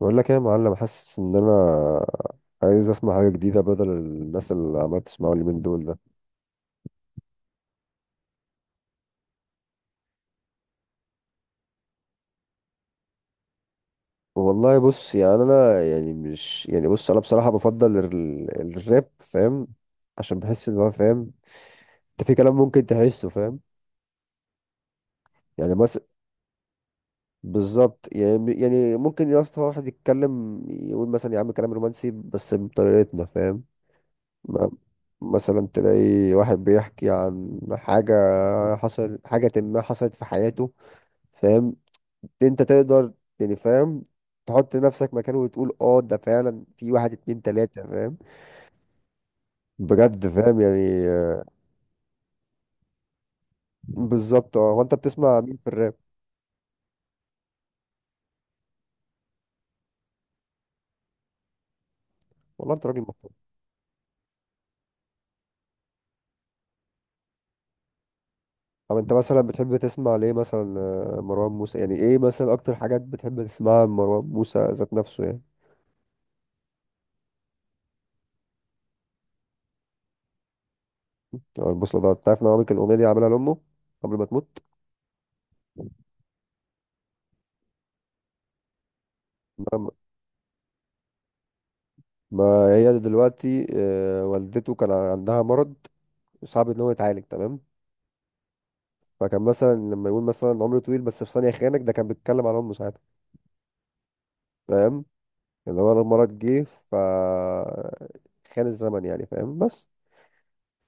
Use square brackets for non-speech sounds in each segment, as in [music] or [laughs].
بقول لك ايه يا معلم، حاسس ان انا عايز اسمع حاجه جديده بدل الناس اللي عمال تسمعوا اليومين دول ده. والله بص، يعني انا يعني مش يعني بص، انا بصراحه بفضل الراب، فاهم؟ عشان بحس ان هو فاهم. انت في كلام ممكن تحسه فاهم. يعني مثلا بالظبط. يعني ممكن يا اسطى واحد يتكلم يقول مثلا يا عم كلام رومانسي بس بطريقتنا، فاهم؟ ما- مثلا تلاقي واحد بيحكي عن حاجه حصل، حاجه ما حصلت في حياته، فاهم؟ انت تقدر، يعني فاهم، تحط نفسك مكانه وتقول اه ده فعلا في واحد اتنين تلاتة، فاهم؟ بجد فاهم يعني، آه. بالظبط. اه، هو انت بتسمع مين في الراب؟ والله انت راجل محترم. طب انت مثلا بتحب تسمع ليه مثلا، مروان موسى؟ يعني ايه مثلا اكتر حاجات بتحب تسمعها لمروان موسى ذات نفسه يعني؟ اه البوصلة، ده انت عارف ان هو كان الاغنية دي عاملها لامه قبل ما تموت؟ ما, ما هي دلوقتي والدته كان عندها مرض صعب ان هو يتعالج، تمام؟ فكان مثلا لما يقول مثلا عمر طويل بس في ثانية خانك، ده كان بيتكلم عن عمره ساعتها، فاهم؟ اللي هو لما مرض جه، ف خان الزمن يعني، فاهم؟ بس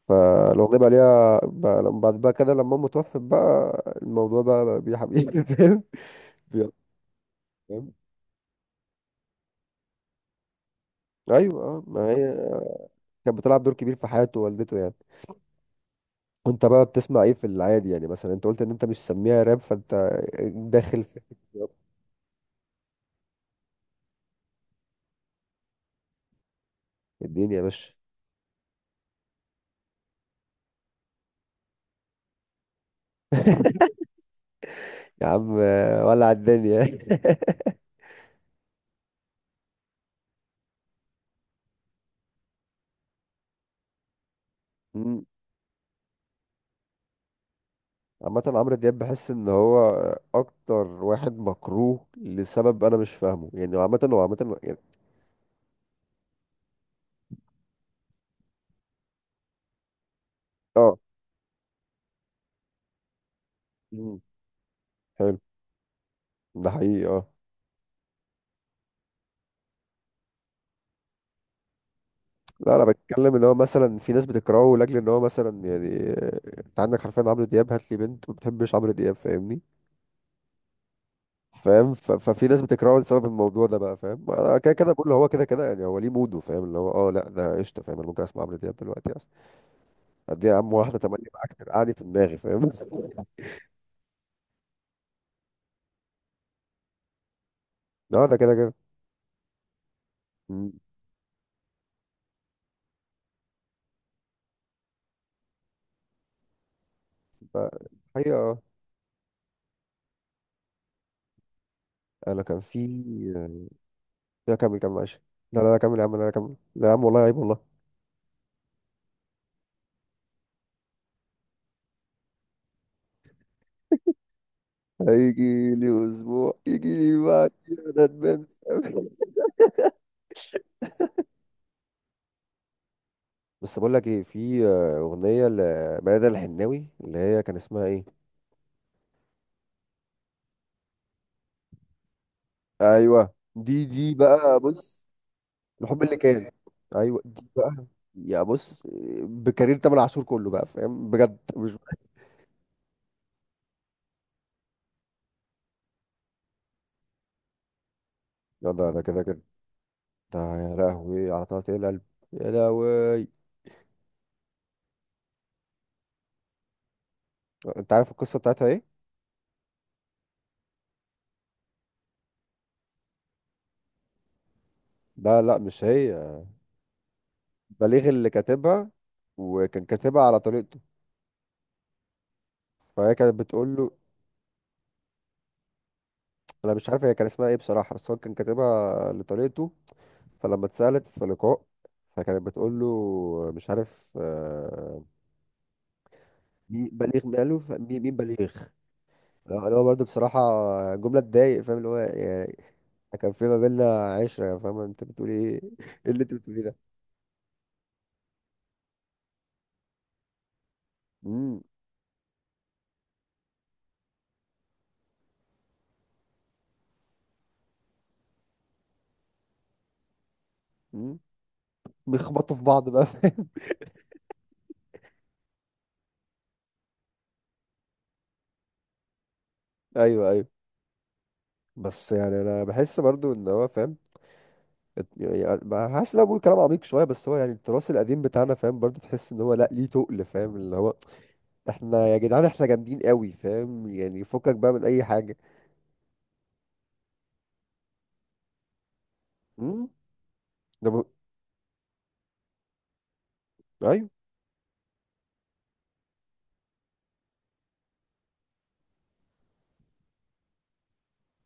فالأغنية بقى ليها بقى بعد بقى كده لما أمه توفت بقى الموضوع بقى بيه حبيبي [laughs] فاهم؟ بي- فاهم؟ أيوه، ما هي كانت بتلعب دور كبير في حياة والدته يعني. وأنت بقى بتسمع إيه في العادي يعني؟ مثلا أنت قلت إن أنت مش سميها راب، فأنت داخل في [laughs] الدنيا يا باشا. يا عم ولع الدنيا. [laughs] عامة عمرو دياب بحس ان هو اكتر واحد مكروه لسبب انا مش فاهمه يعني. عامة هو عامة يعني. اه، مم. حلو، ده حقيقي اه. لا، انا بتكلم ان هو مثلا في ناس بتكرهه لاجل ان هو مثلا يعني، انت عندك حرفيا عمرو دياب، هات لي بنت ما بتحبش عمرو دياب، فاهمني؟ فاهم؟ ففي ناس بتكرهه لسبب الموضوع ده بقى، فاهم؟ انا كده كده بقول هو كده كده يعني هو ليه موده، فاهم؟ اللي هو اه لا ده قشطه، فاهم؟ انا ممكن اسمع عمرو دياب دلوقتي اصلا. قد ايه يا عم واحده تملي معاك ترقعني في دماغي، فاهم؟ [laughs] اه ده كده كده. ف- حقيقة اه. انا كان في، آه، لا كمل كمل معلش. لا كمل يا عم، لا كمل، لا يا عم والله عيب والله. هيجي لي اسبوع يجي لي بعد، انا ندمان. [laughs] بس بقول لك ايه، في اغنيه لميادة الحناوي اللي هي كان اسمها ايه. ايوه دي بقى بص. الحب اللي كان، ايوه دي بقى. يا بص، بكارير تامر عاشور كله بقى، فاهم؟ بجد مش، لا ده ده كده كده. ده يا لهوي على طلعت القلب، يا لهوي. انت عارف القصه بتاعتها ايه؟ لا مش هي. بليغ اللي كاتبها، وكان كاتبها على طريقته. فهي كانت بتقول له انا مش عارف هي كان اسمها ايه بصراحه، بس هو كان كاتبها لطريقته. فلما اتسالت في لقاء، فكانت بتقول له مش عارف، مين بليغ ماله، مين بليغ؟ أنا هو برضه بصراحه جمله تضايق، فاهم؟ اللي هو يعني كان في ما بينا عشره، فاهم؟ انت بتقول ايه؟ [laughs] ايه اللي انت بتقوليه ده؟ امم، امم بيخبطوا في بعض بقى، فاهم؟ [laughs] ايوه ايوه. بس يعني انا بحس برضو ان هو فاهم، يعني بقى حاسس ان انا بقول كلام عميق شويه بس هو يعني التراث القديم بتاعنا، فاهم؟ برضه تحس ان هو لا ليه تقل، فاهم؟ اللي هو احنا يا جدعان احنا جامدين قوي، فاهم يعني؟ فكك بقى من اي حاجه. امم، ده ب... ايوه.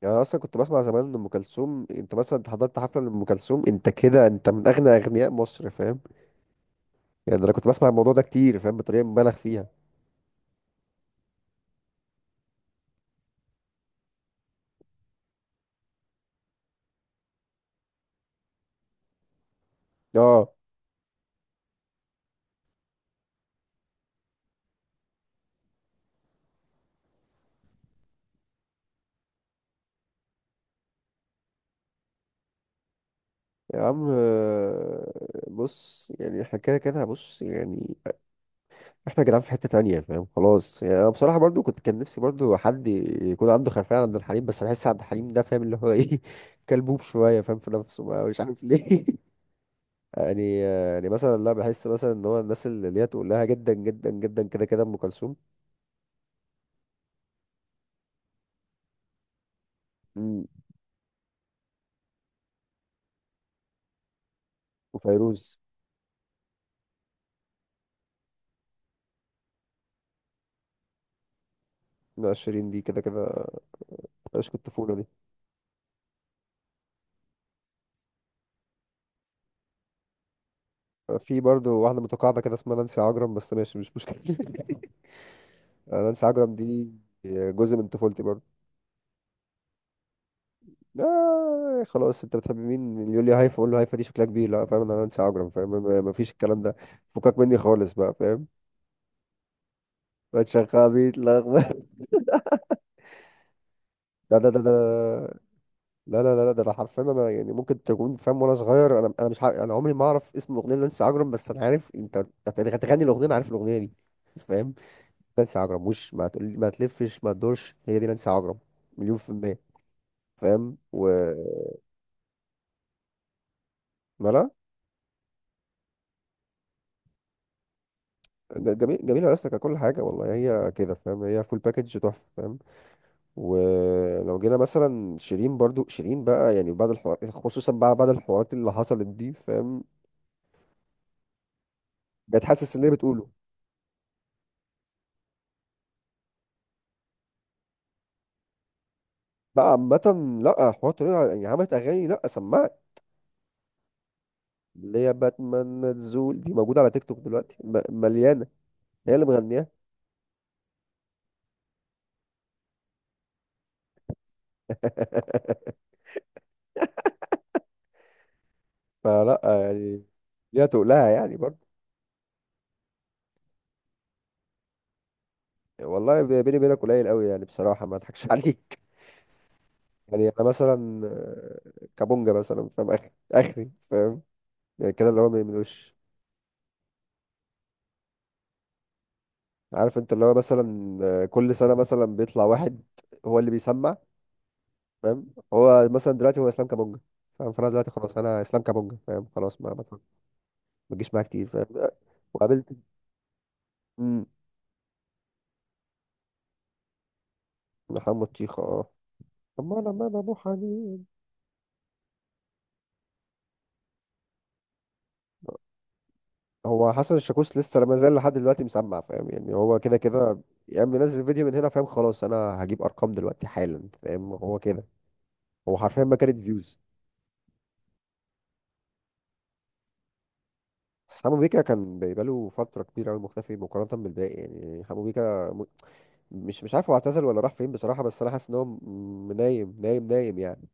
يعني أنا اصلا كنت بسمع زمان ان ام كلثوم، انت مثلا أنت حضرت حفله لام كلثوم، انت كده انت من اغنى اغنياء مصر، فاهم؟ يعني انا كنت بسمع الموضوع ده كتير، فاهم؟ بطريقه مبالغ فيها اه. يا عم، بص يعني احنا كده كده، بص يعني احنا جدعان في حتة تانية، فاهم؟ خلاص يعني انا بصراحة برضو كنت كان نفسي برضو حد يكون عنده خلفية عن عبد الحليم، بس بحس عبد الحليم ده، فاهم اللي هو ايه، [laughs] كلبوب شوية، فاهم؟ في نفسه بقى مش عارف ليه. [laughs] يعني مثلا، لا بحس مثلا ان هو الناس اللي هي تقول لها جدا جدا جدا كده كده ام كلثوم. مم. وفيروز. لا شيرين دي كده كده، عشق الطفولة دي. في برضو واحدة متقاعدة كده اسمها نانسي عجرم، بس ماشي مش مشكلة. [laughs] نانسي عجرم دي جزء من طفولتي برضو. آه خلاص، انت بتحب مين؟ يقول لي هايفا، اقول له هايفا دي شكلها كبير، لا فاهم؟ انا انسى عجرم، فاهم؟ ما فيش الكلام ده. فكك مني خالص بقى، فاهم؟ ما تشغبيت لخبط. [laughs] لا ده، لا ده انا حرفيا، انا يعني ممكن تكون فاهم وانا صغير، انا مش عارف، انا عمري ما اعرف اسم الاغنيه اللي انسى عجرم، بس انا عارف انت هتغني الاغنيه، انا عارف الاغنيه دي، فاهم؟ نانسي عجرم وش ما تقول ما تلفش ما تدورش، هي دي نانسي عجرم، مليون في المية، فاهم؟ و مالها؟ جميلة أصلا ككل حاجة والله، هي كده فاهم، هي فول باكج تحفة، فاهم؟ ولو جينا مثلا شيرين، برضو شيرين بقى يعني بعد الحوار خصوصا بقى بعد الحوارات اللي حصلت دي، فاهم؟ بقت حاسس اللي هي بتقوله بقى عامة. لا حوارات طريقة يعني عملت أغاني، لا سمعت اللي هي باتمان تزول دي موجودة على تيك توك دلوقتي مليانة، هي اللي مغنياها. [laughs] فلا يعني ليها تقولها يعني برضو. والله بيني وبينك قليل قوي يعني بصراحة، ما اضحكش [laughs] عليك. يعني انا مثلا كابونجا مثلا، فاهم؟ اخري اخري، فاهم؟ يعني كده اللي هو ما يعملوش. عارف انت اللي هو مثلا كل سنه مثلا بيطلع واحد هو اللي بيسمع، فاهم؟ هو مثلا دلوقتي هو اسلام كابونجا، فاهم؟ فانا دلوقتي خلاص انا اسلام كابونجا، فاهم؟ خلاص ما ما تجيش معايا كتير، فاهم؟ آه، وقابلت، مم، محمد شيخ اه. طب ما انا مال ابو حنين. هو حسن الشاكوش لسه ما زال لحد دلوقتي مسمع، فاهم؟ يعني هو كده كده. يا عم نزل فيديو من هنا، فاهم؟ خلاص انا هجيب ارقام دلوقتي حالا، فاهم؟ هو كده هو حرفيا، ما كانت فيوز. بس حمو بيكا كان بقاله فترة كبيرة أوي مختفي مقارنة بالباقي يعني، حمو بيكا م... مش عارف هو اعتزل ولا راح فين بصراحة، بس أنا حاسس إن هو نايم يعني.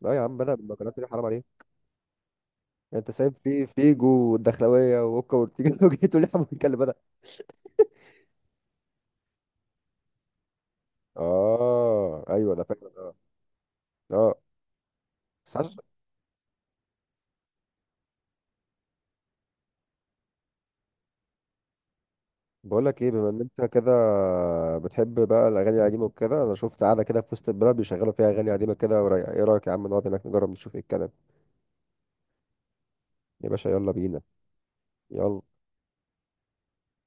لا يا عم، بدأ بالمكانات، اللي حرام عليه. أنت سايب في فيجو والدخلاوية وأوكا وأورتيجا [laughs] وجيت تقول لي حمو بيكا اللي بدأ؟ آه أيوه أنا فاكر آه، آه. بس حاسس، بقول لك إيه، بما إن أنت كده بتحب بقى الأغاني القديمة وكده، أنا شفت قاعدة كده في وسط البلد بيشغلوا فيها أغاني قديمة كده ورايقة، إيه رأيك يا عم نقعد هناك نجرب نشوف إيه الكلام؟ يا باشا يلا بينا. يلا.